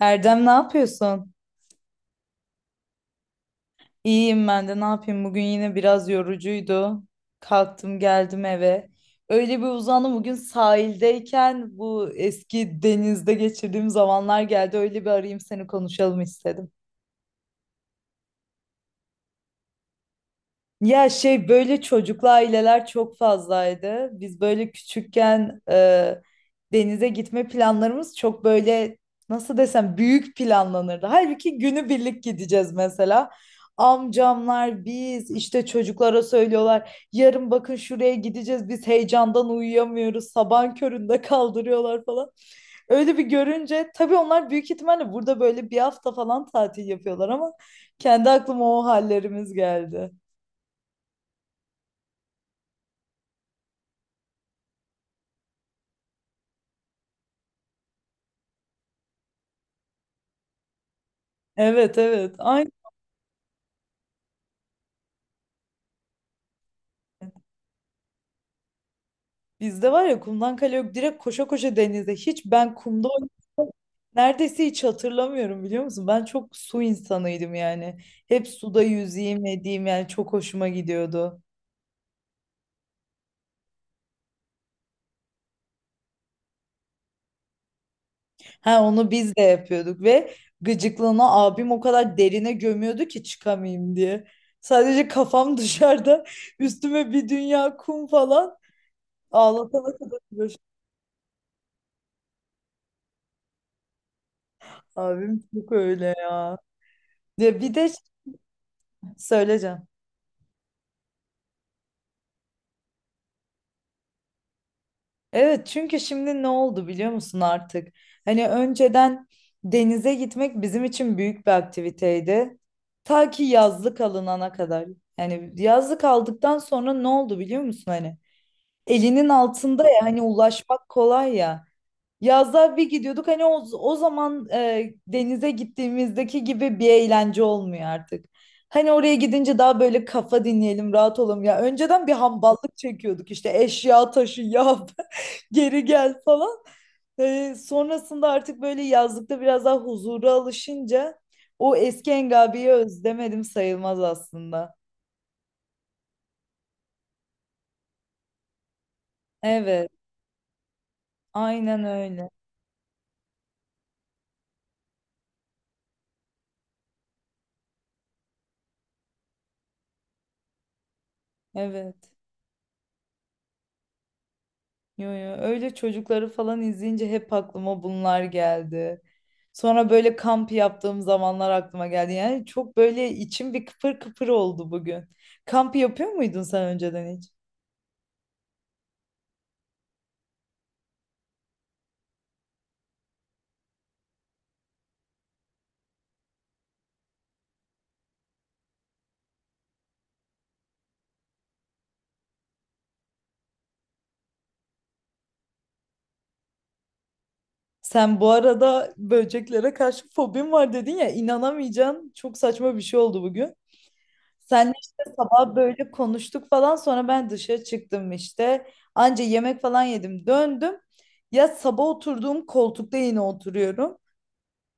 Erdem ne yapıyorsun? İyiyim ben de ne yapayım bugün yine biraz yorucuydu. Kalktım geldim eve. Öyle bir uzandım bugün sahildeyken bu eski denizde geçirdiğim zamanlar geldi. Öyle bir arayayım seni konuşalım istedim. Ya şey böyle çocuklu aileler çok fazlaydı. Biz böyle küçükken denize gitme planlarımız çok böyle nasıl desem büyük planlanırdı. Halbuki günü birlik gideceğiz mesela. Amcamlar biz işte çocuklara söylüyorlar. Yarın bakın şuraya gideceğiz. Biz heyecandan uyuyamıyoruz. Sabahın köründe kaldırıyorlar falan. Öyle bir görünce tabii onlar büyük ihtimalle burada böyle bir hafta falan tatil yapıyorlar ama kendi aklıma o hallerimiz geldi. Evet evet. Aynı bizde var ya kumdan kale yok. Direkt koşa koşa denize. Hiç ben kumda oynadım. Neredeyse hiç hatırlamıyorum biliyor musun? Ben çok su insanıydım yani. Hep suda yüzeyim edeyim yani çok hoşuma gidiyordu. Ha onu biz de yapıyorduk ve gıcıklığına abim o kadar derine gömüyordu ki çıkamayayım diye. Sadece kafam dışarıda üstüme bir dünya kum falan ağlatana kadar uğraştım. Abim çok öyle ya. Ya bir de şey söyleyeceğim. Evet çünkü şimdi ne oldu biliyor musun artık? Hani önceden denize gitmek bizim için büyük bir aktiviteydi. Ta ki yazlık alınana kadar. Yani yazlık aldıktan sonra ne oldu biliyor musun hani? Elinin altında ya hani ulaşmak kolay ya. Yazda bir gidiyorduk hani o zaman denize gittiğimizdeki gibi bir eğlence olmuyor artık. Hani oraya gidince daha böyle kafa dinleyelim, rahat olalım ya. Önceden bir hamballık çekiyorduk işte eşya taşı ya geri gel falan. Sonrasında artık böyle yazlıkta biraz daha huzura alışınca o eski Engabi'yi özlemedim sayılmaz aslında. Evet, aynen öyle. Evet. Yo yo öyle çocukları falan izleyince hep aklıma bunlar geldi. Sonra böyle kamp yaptığım zamanlar aklıma geldi. Yani çok böyle içim bir kıpır kıpır oldu bugün. Kamp yapıyor muydun sen önceden hiç? Sen bu arada böceklere karşı fobim var dedin ya inanamayacaksın. Çok saçma bir şey oldu bugün. Sen işte sabah böyle konuştuk falan sonra ben dışarı çıktım işte. Anca yemek falan yedim döndüm. Ya sabah oturduğum koltukta yine oturuyorum.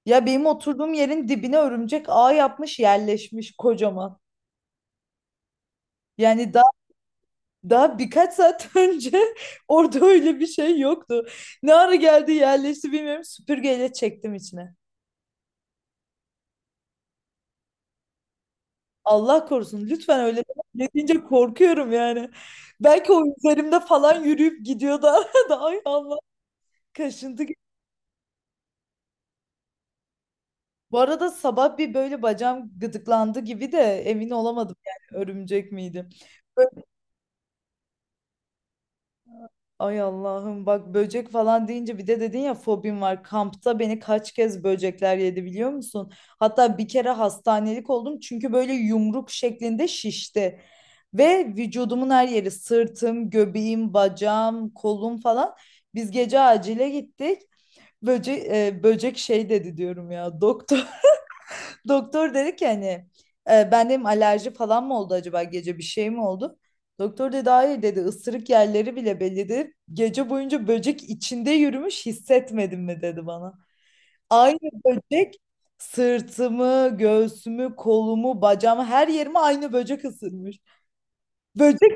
Ya benim oturduğum yerin dibine örümcek ağ yapmış yerleşmiş kocaman. Yani daha, daha birkaç saat önce orada öyle bir şey yoktu. Ne ara geldi yerleşti bilmiyorum süpürgeyle çektim içine. Allah korusun lütfen öyle deme. Ne deyince korkuyorum yani. Belki o üzerimde falan yürüyüp gidiyor da da ay Allah kaşıntı. Gibi. Bu arada sabah bir böyle bacağım gıdıklandı gibi de emin olamadım yani örümcek miydi. Ay Allah'ım bak böcek falan deyince bir de dedin ya fobim var. Kampta beni kaç kez böcekler yedi biliyor musun? Hatta bir kere hastanelik oldum çünkü böyle yumruk şeklinde şişti. Ve vücudumun her yeri sırtım, göbeğim, bacağım, kolum falan. Biz gece acile gittik. Böcek, böcek şey dedi diyorum ya doktor. Doktor dedi ki hani ben dedim alerji falan mı oldu acaba gece bir şey mi oldu? Doktor dedi hayır dedi ısırık yerleri bile belli dedi. Gece boyunca böcek içinde yürümüş hissetmedin mi dedi bana. Aynı böcek sırtımı, göğsümü, kolumu, bacağımı her yerime aynı böcek ısırmış. Böcek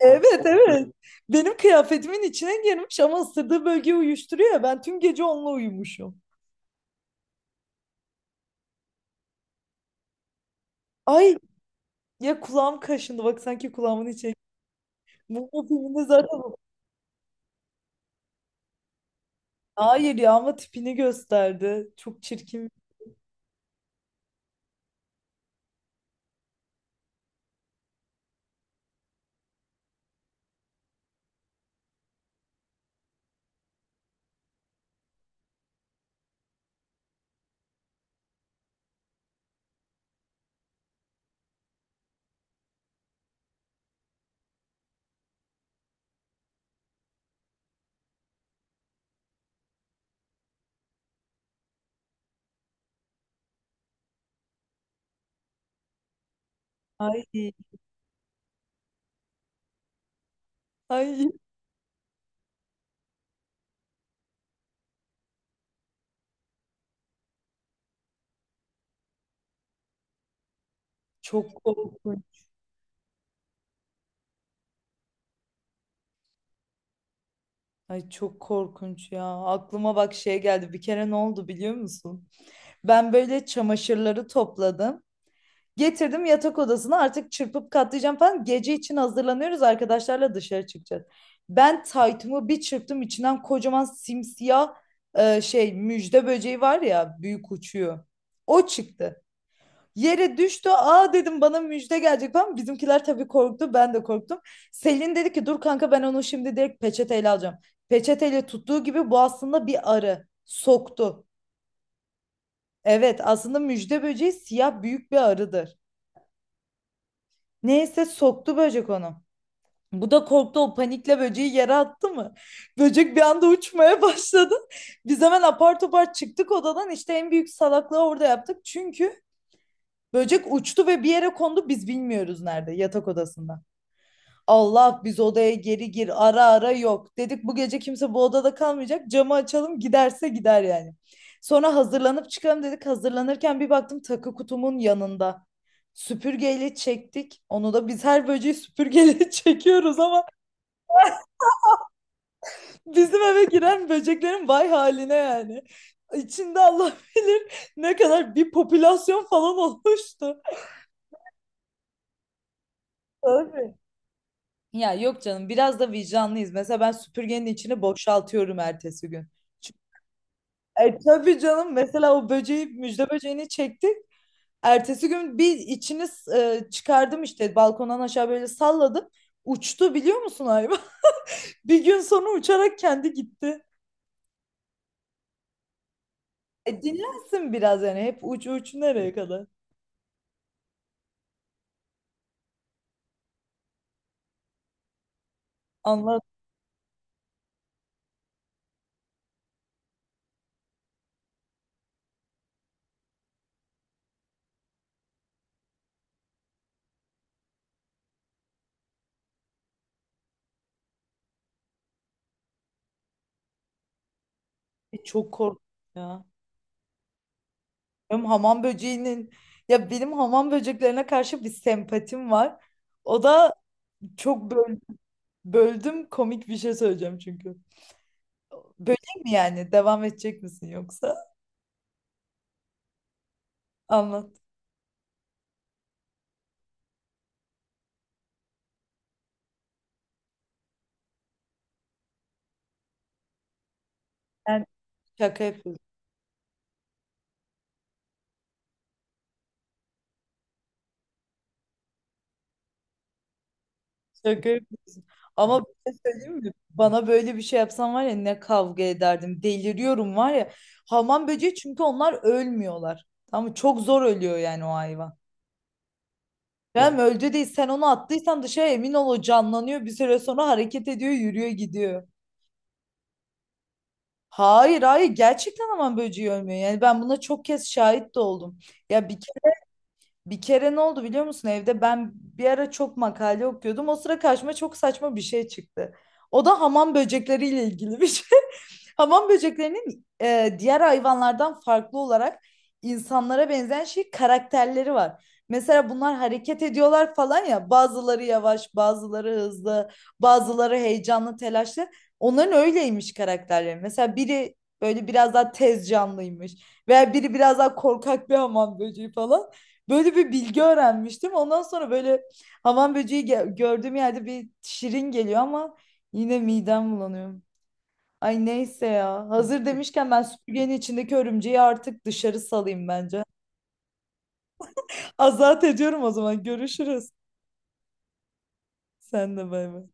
evet evet benim kıyafetimin içine girmiş ama ısırdığı bölgeyi uyuşturuyor ya ben tüm gece onunla uyumuşum. Ay ya kulağım kaşındı bak sanki kulağımın içi. Bu filmde zaten Hayır ya ama tipini gösterdi. Çok çirkin. Ay, ay çok korkunç. Ay çok korkunç ya. Aklıma bak şey geldi. Bir kere ne oldu biliyor musun? Ben böyle çamaşırları topladım. Getirdim yatak odasına artık çırpıp katlayacağım falan. Gece için hazırlanıyoruz arkadaşlarla dışarı çıkacağız. Ben taytımı bir çırptım içinden kocaman simsiyah şey müjde böceği var ya büyük uçuyor. O çıktı. Yere düştü. Aa dedim bana müjde gelecek falan. Bizimkiler tabii korktu. Ben de korktum. Selin dedi ki dur kanka ben onu şimdi direkt peçeteyle alacağım. Peçeteyle tuttuğu gibi bu aslında bir arı. Soktu. Evet aslında müjde böceği siyah büyük bir arıdır. Neyse soktu böcek onu. Bu da korktu o panikle böceği yere attı mı? Böcek bir anda uçmaya başladı. Biz hemen apar topar çıktık odadan işte en büyük salaklığı orada yaptık. Çünkü böcek uçtu ve bir yere kondu biz bilmiyoruz nerede yatak odasında. Allah biz odaya geri gir ara ara yok. Dedik bu gece kimse bu odada kalmayacak camı açalım giderse gider yani. Sonra hazırlanıp çıkalım dedik hazırlanırken bir baktım takı kutumun yanında. Süpürgeyle çektik. Onu da biz her böceği süpürgeyle çekiyoruz ama bizim eve giren böceklerin vay haline yani. İçinde Allah bilir ne kadar bir popülasyon falan olmuştu. Tabii. Ya yok canım biraz da vicdanlıyız. Mesela ben süpürgenin içini boşaltıyorum ertesi gün. Tabii canım mesela o böceği müjde böceğini çektik. Ertesi gün bir içini çıkardım işte balkondan aşağı böyle salladım. Uçtu biliyor musun hayvan? Bir gün sonra uçarak kendi gitti. Dinlensin biraz yani hep uç uç nereye kadar? Allah çok korktum ya. Benim hamam böceğinin ya benim hamam böceklerine karşı bir sempatim var. O da çok böldüm komik bir şey söyleyeceğim çünkü. Böcek mi yani? Devam edecek misin yoksa? Anlat. Ben şaka yapıyorsun. Şaka yapıyorsun. Ama bir şey söyleyeyim mi? Bana böyle bir şey yapsan var ya ne kavga ederdim. Deliriyorum var ya. Hamam böceği çünkü onlar ölmüyorlar. Tamam mı? Çok zor ölüyor yani o hayvan. Ya yani öldü değil sen onu attıysan dışarı emin ol o canlanıyor bir süre sonra hareket ediyor yürüyor gidiyor. Hayır hayır gerçekten hamam böceği ölmüyor. Yani ben buna çok kez şahit de oldum. Ya bir Bir kere ne oldu biliyor musun evde? Ben bir ara çok makale okuyordum. O sıra karşıma çok saçma bir şey çıktı. O da hamam böcekleriyle ilgili bir şey. Hamam böceklerinin diğer hayvanlardan farklı olarak insanlara benzeyen şey karakterleri var. Mesela bunlar hareket ediyorlar falan ya. Bazıları yavaş, bazıları hızlı, bazıları heyecanlı, telaşlı. Onların öyleymiş karakterleri. Mesela biri böyle biraz daha tez canlıymış veya biri biraz daha korkak bir hamam böceği falan. Böyle bir bilgi öğrenmiştim. Ondan sonra böyle hamam böceği gördüğüm yerde bir şirin geliyor ama yine midem bulanıyor. Ay neyse ya. Hazır demişken ben süpürgenin içindeki örümceği artık dışarı salayım bence. Azat ediyorum o zaman. Görüşürüz. Sen de bay bay.